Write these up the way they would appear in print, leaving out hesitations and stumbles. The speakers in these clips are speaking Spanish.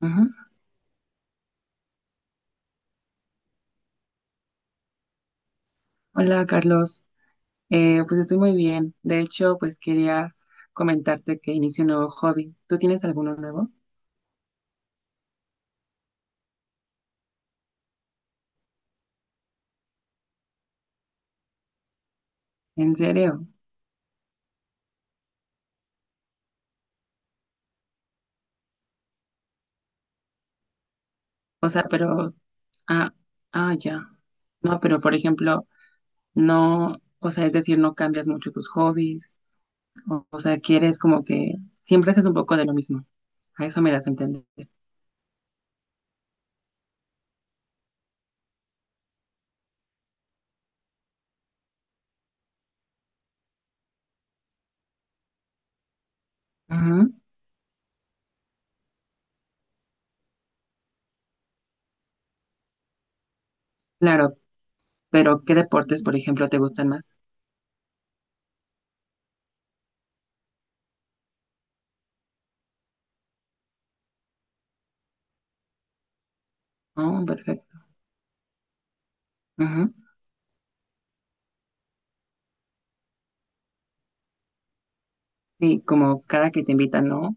Ujú. Hola Carlos, pues estoy muy bien. De hecho, pues quería comentarte que inicio un nuevo hobby. ¿Tú tienes alguno nuevo? ¿En serio? O sea, pero, ah, ah, ya. No, pero por ejemplo, no, o sea, es decir, no cambias mucho tus hobbies, o sea, quieres como que siempre haces un poco de lo mismo. A eso me das a entender. Ujú. Claro, pero ¿qué deportes, por ejemplo, te gustan más? Oh, perfecto. Ujú. Sí, como cada que te invitan, ¿no?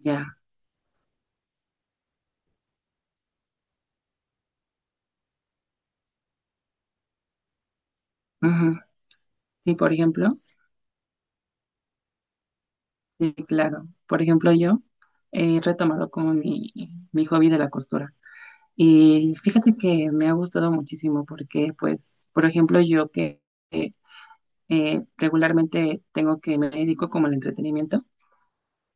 Ya. Ujú. Sí, por ejemplo, sí, claro. Por ejemplo, yo he retomado como mi hobby de la costura. Y fíjate que me ha gustado muchísimo porque, pues, por ejemplo, yo que eh, regularmente tengo que me dedico como al entretenimiento,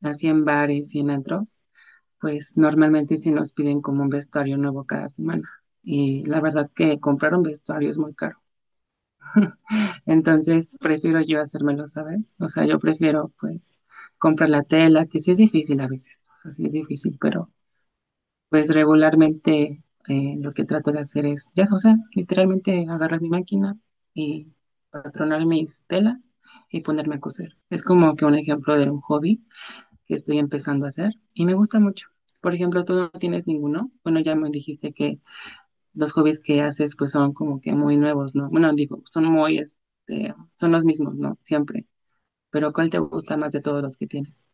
así en bares y en antros, pues normalmente sí nos piden como un vestuario nuevo cada semana. Y la verdad que comprar un vestuario es muy caro. Entonces prefiero yo hacérmelo, ¿sabes? O sea, yo prefiero pues comprar la tela, que sí es difícil a veces, o sea, sí es difícil, pero pues regularmente lo que trato de hacer es, ya, o sea, literalmente agarrar mi máquina y patronar mis telas y ponerme a coser. Es como que un ejemplo de un hobby que estoy empezando a hacer y me gusta mucho. Por ejemplo, tú no tienes ninguno. Bueno, ya me dijiste que los hobbies que haces pues son como que muy nuevos, ¿no? Bueno, digo, son muy, este, son los mismos, ¿no? Siempre. Pero ¿cuál te gusta más de todos los que tienes?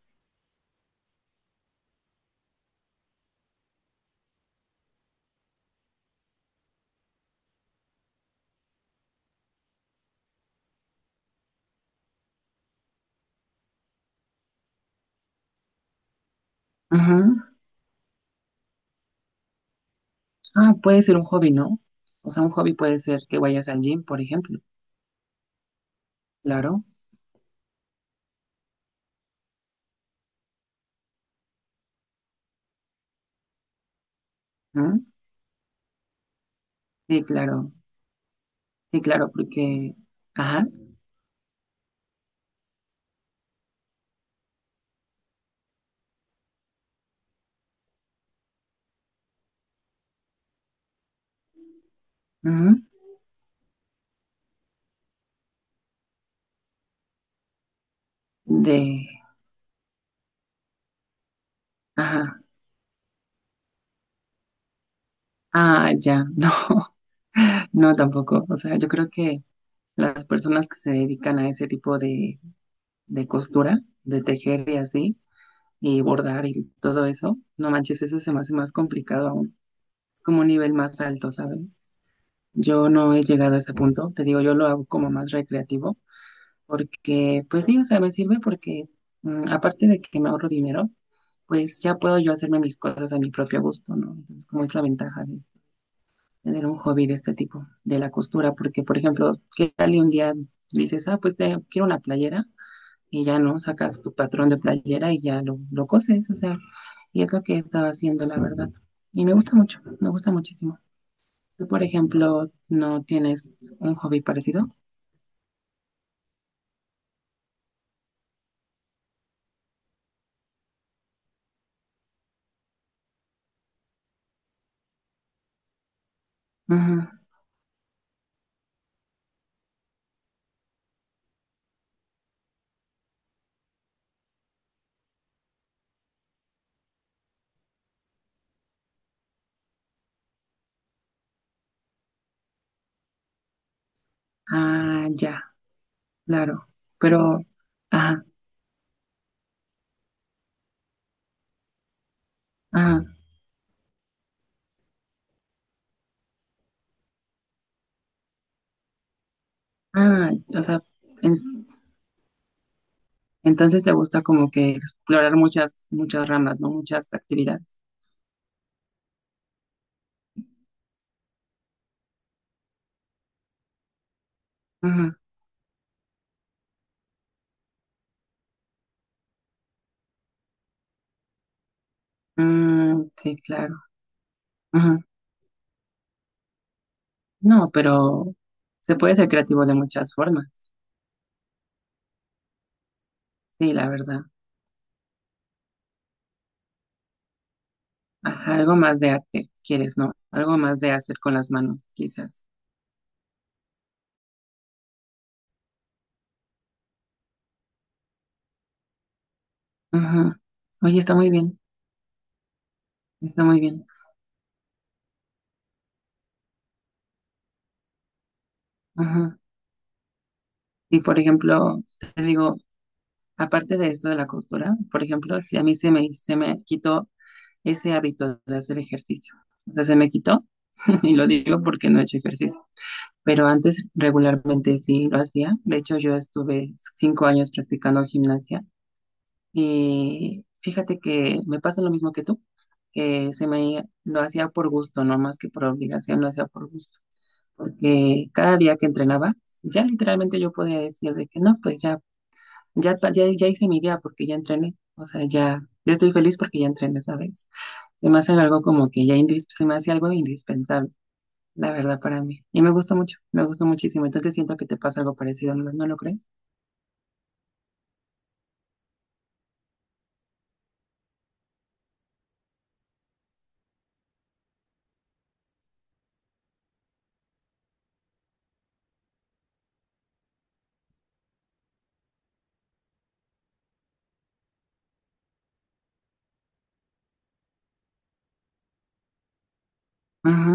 Ujú. Ah, puede ser un hobby, ¿no? O sea, un hobby puede ser que vayas al gym, por ejemplo. Claro. ¿Mm? Sí, claro. Sí, claro, porque... Ajá. Ujú. De... Ajá. Ah, ya. No, no tampoco. O sea, yo creo que las personas que se dedican a ese tipo de costura, de tejer y así, y bordar y todo eso. No manches, eso se me hace más complicado aún. Es como un nivel más alto, ¿sabes? Yo no he llegado a ese punto. Te digo, yo lo hago como más recreativo porque, pues sí, o sea, me sirve porque aparte de que me ahorro dinero, pues ya puedo yo hacerme mis cosas a mi propio gusto, ¿no? Entonces, como es la ventaja de tener un hobby de este tipo, de la costura, porque, por ejemplo, ¿qué tal y un día dices, ah, pues quiero una playera? Y ya no sacas tu patrón de playera y ya lo coses, o sea, y es lo que estaba haciendo, la verdad. Y me gusta mucho, me gusta muchísimo. ¿Tú, por ejemplo, no tienes un hobby parecido? Ujú. Ah, ya, claro. Pero, ajá, ajá, ah, o sea, en- entonces te gusta como que explorar muchas, muchas ramas, ¿no? Muchas actividades. Ujú. Mm, sí, claro. Ujú. No, pero se puede ser creativo de muchas formas. Sí, la verdad. Ajá, algo más de arte, quieres, ¿no? Algo más de hacer con las manos, quizás. Ajá. Oye, está muy bien, está muy bien. Ajá. Y por ejemplo, te digo, aparte de esto de la costura, por ejemplo, si a mí se me quitó ese hábito de hacer ejercicio, o sea, se me quitó, y lo digo porque no he hecho ejercicio, pero antes regularmente sí lo hacía. De hecho, yo estuve 5 años practicando gimnasia. Y fíjate que me pasa lo mismo que tú, que se me lo hacía por gusto, no más que por obligación, lo hacía por gusto. Porque cada día que entrenaba, ya literalmente yo podía decir de que no, pues ya, ya, ya, ya hice mi día porque ya entrené. O sea, ya, ya estoy feliz porque ya entrené, ¿sabes? Se me hace algo como que ya se me hace algo indispensable, la verdad, para mí. Y me gustó mucho, me gustó muchísimo. Entonces siento que te pasa algo parecido, ¿no, no lo crees? Ujú,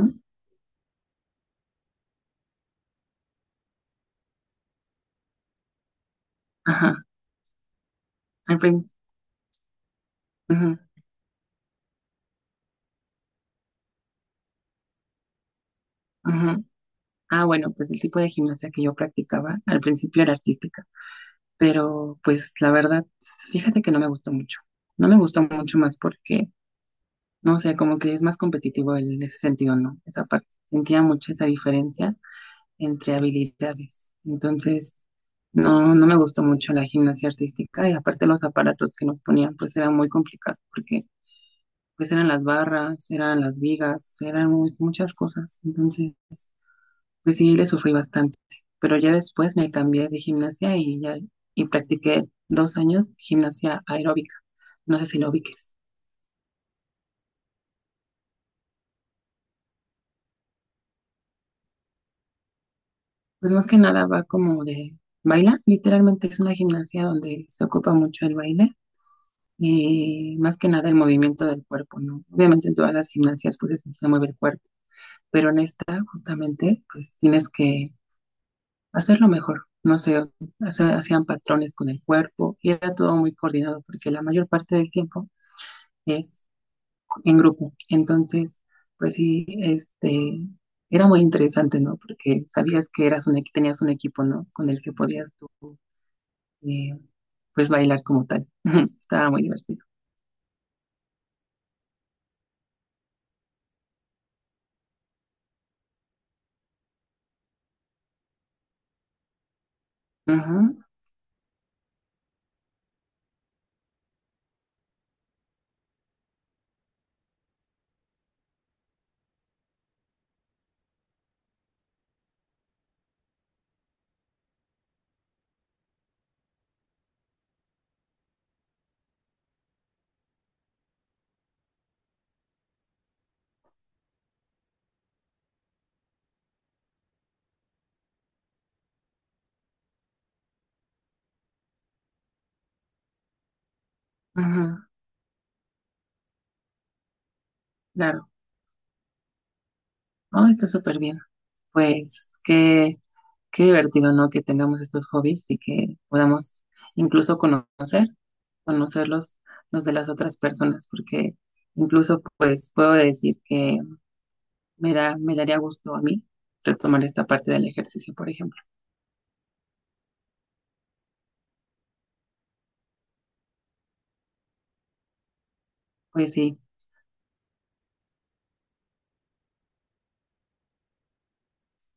ajá. Al principio. Ah, bueno, pues el tipo de gimnasia que yo practicaba al principio era artística, pero pues la verdad, fíjate que no me gustó mucho. No me gustó mucho más porque, no sé, como que es más competitivo en ese sentido, ¿no? Esa parte. Sentía mucho esa diferencia entre habilidades. Entonces, no, no me gustó mucho la gimnasia artística y aparte los aparatos que nos ponían, pues eran muy complicados porque pues eran las barras, eran las vigas, eran muchas cosas. Entonces... Pues sí, le sufrí bastante, pero ya después me cambié de gimnasia y ya y practiqué 2 años gimnasia aeróbica. No sé si lo ubiques. Pues más que nada va como de baila, literalmente es una gimnasia donde se ocupa mucho el baile y más que nada el movimiento del cuerpo, ¿no? Obviamente en todas las gimnasias pues se mueve el cuerpo, pero en esta justamente pues tienes que hacerlo mejor. No sé, hacían patrones con el cuerpo y era todo muy coordinado porque la mayor parte del tiempo es en grupo. Entonces, pues sí, este, era muy interesante, ¿no? Porque sabías que eras un, tenías un equipo, ¿no? Con el que podías tú, eh, pues, bailar como tal. Estaba muy divertido. Ujú, ujú, claro. Oh, está súper bien. Pues qué, qué divertido, ¿no? Que tengamos estos hobbies y que podamos incluso conocer, conocerlos los de las otras personas, porque incluso, pues, puedo decir que me da, me daría gusto a mí retomar esta parte del ejercicio, por ejemplo. Pues sí,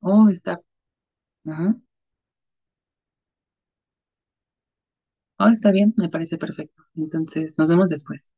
oh, está, ajá, oh, está bien, me parece perfecto. Entonces, nos vemos después.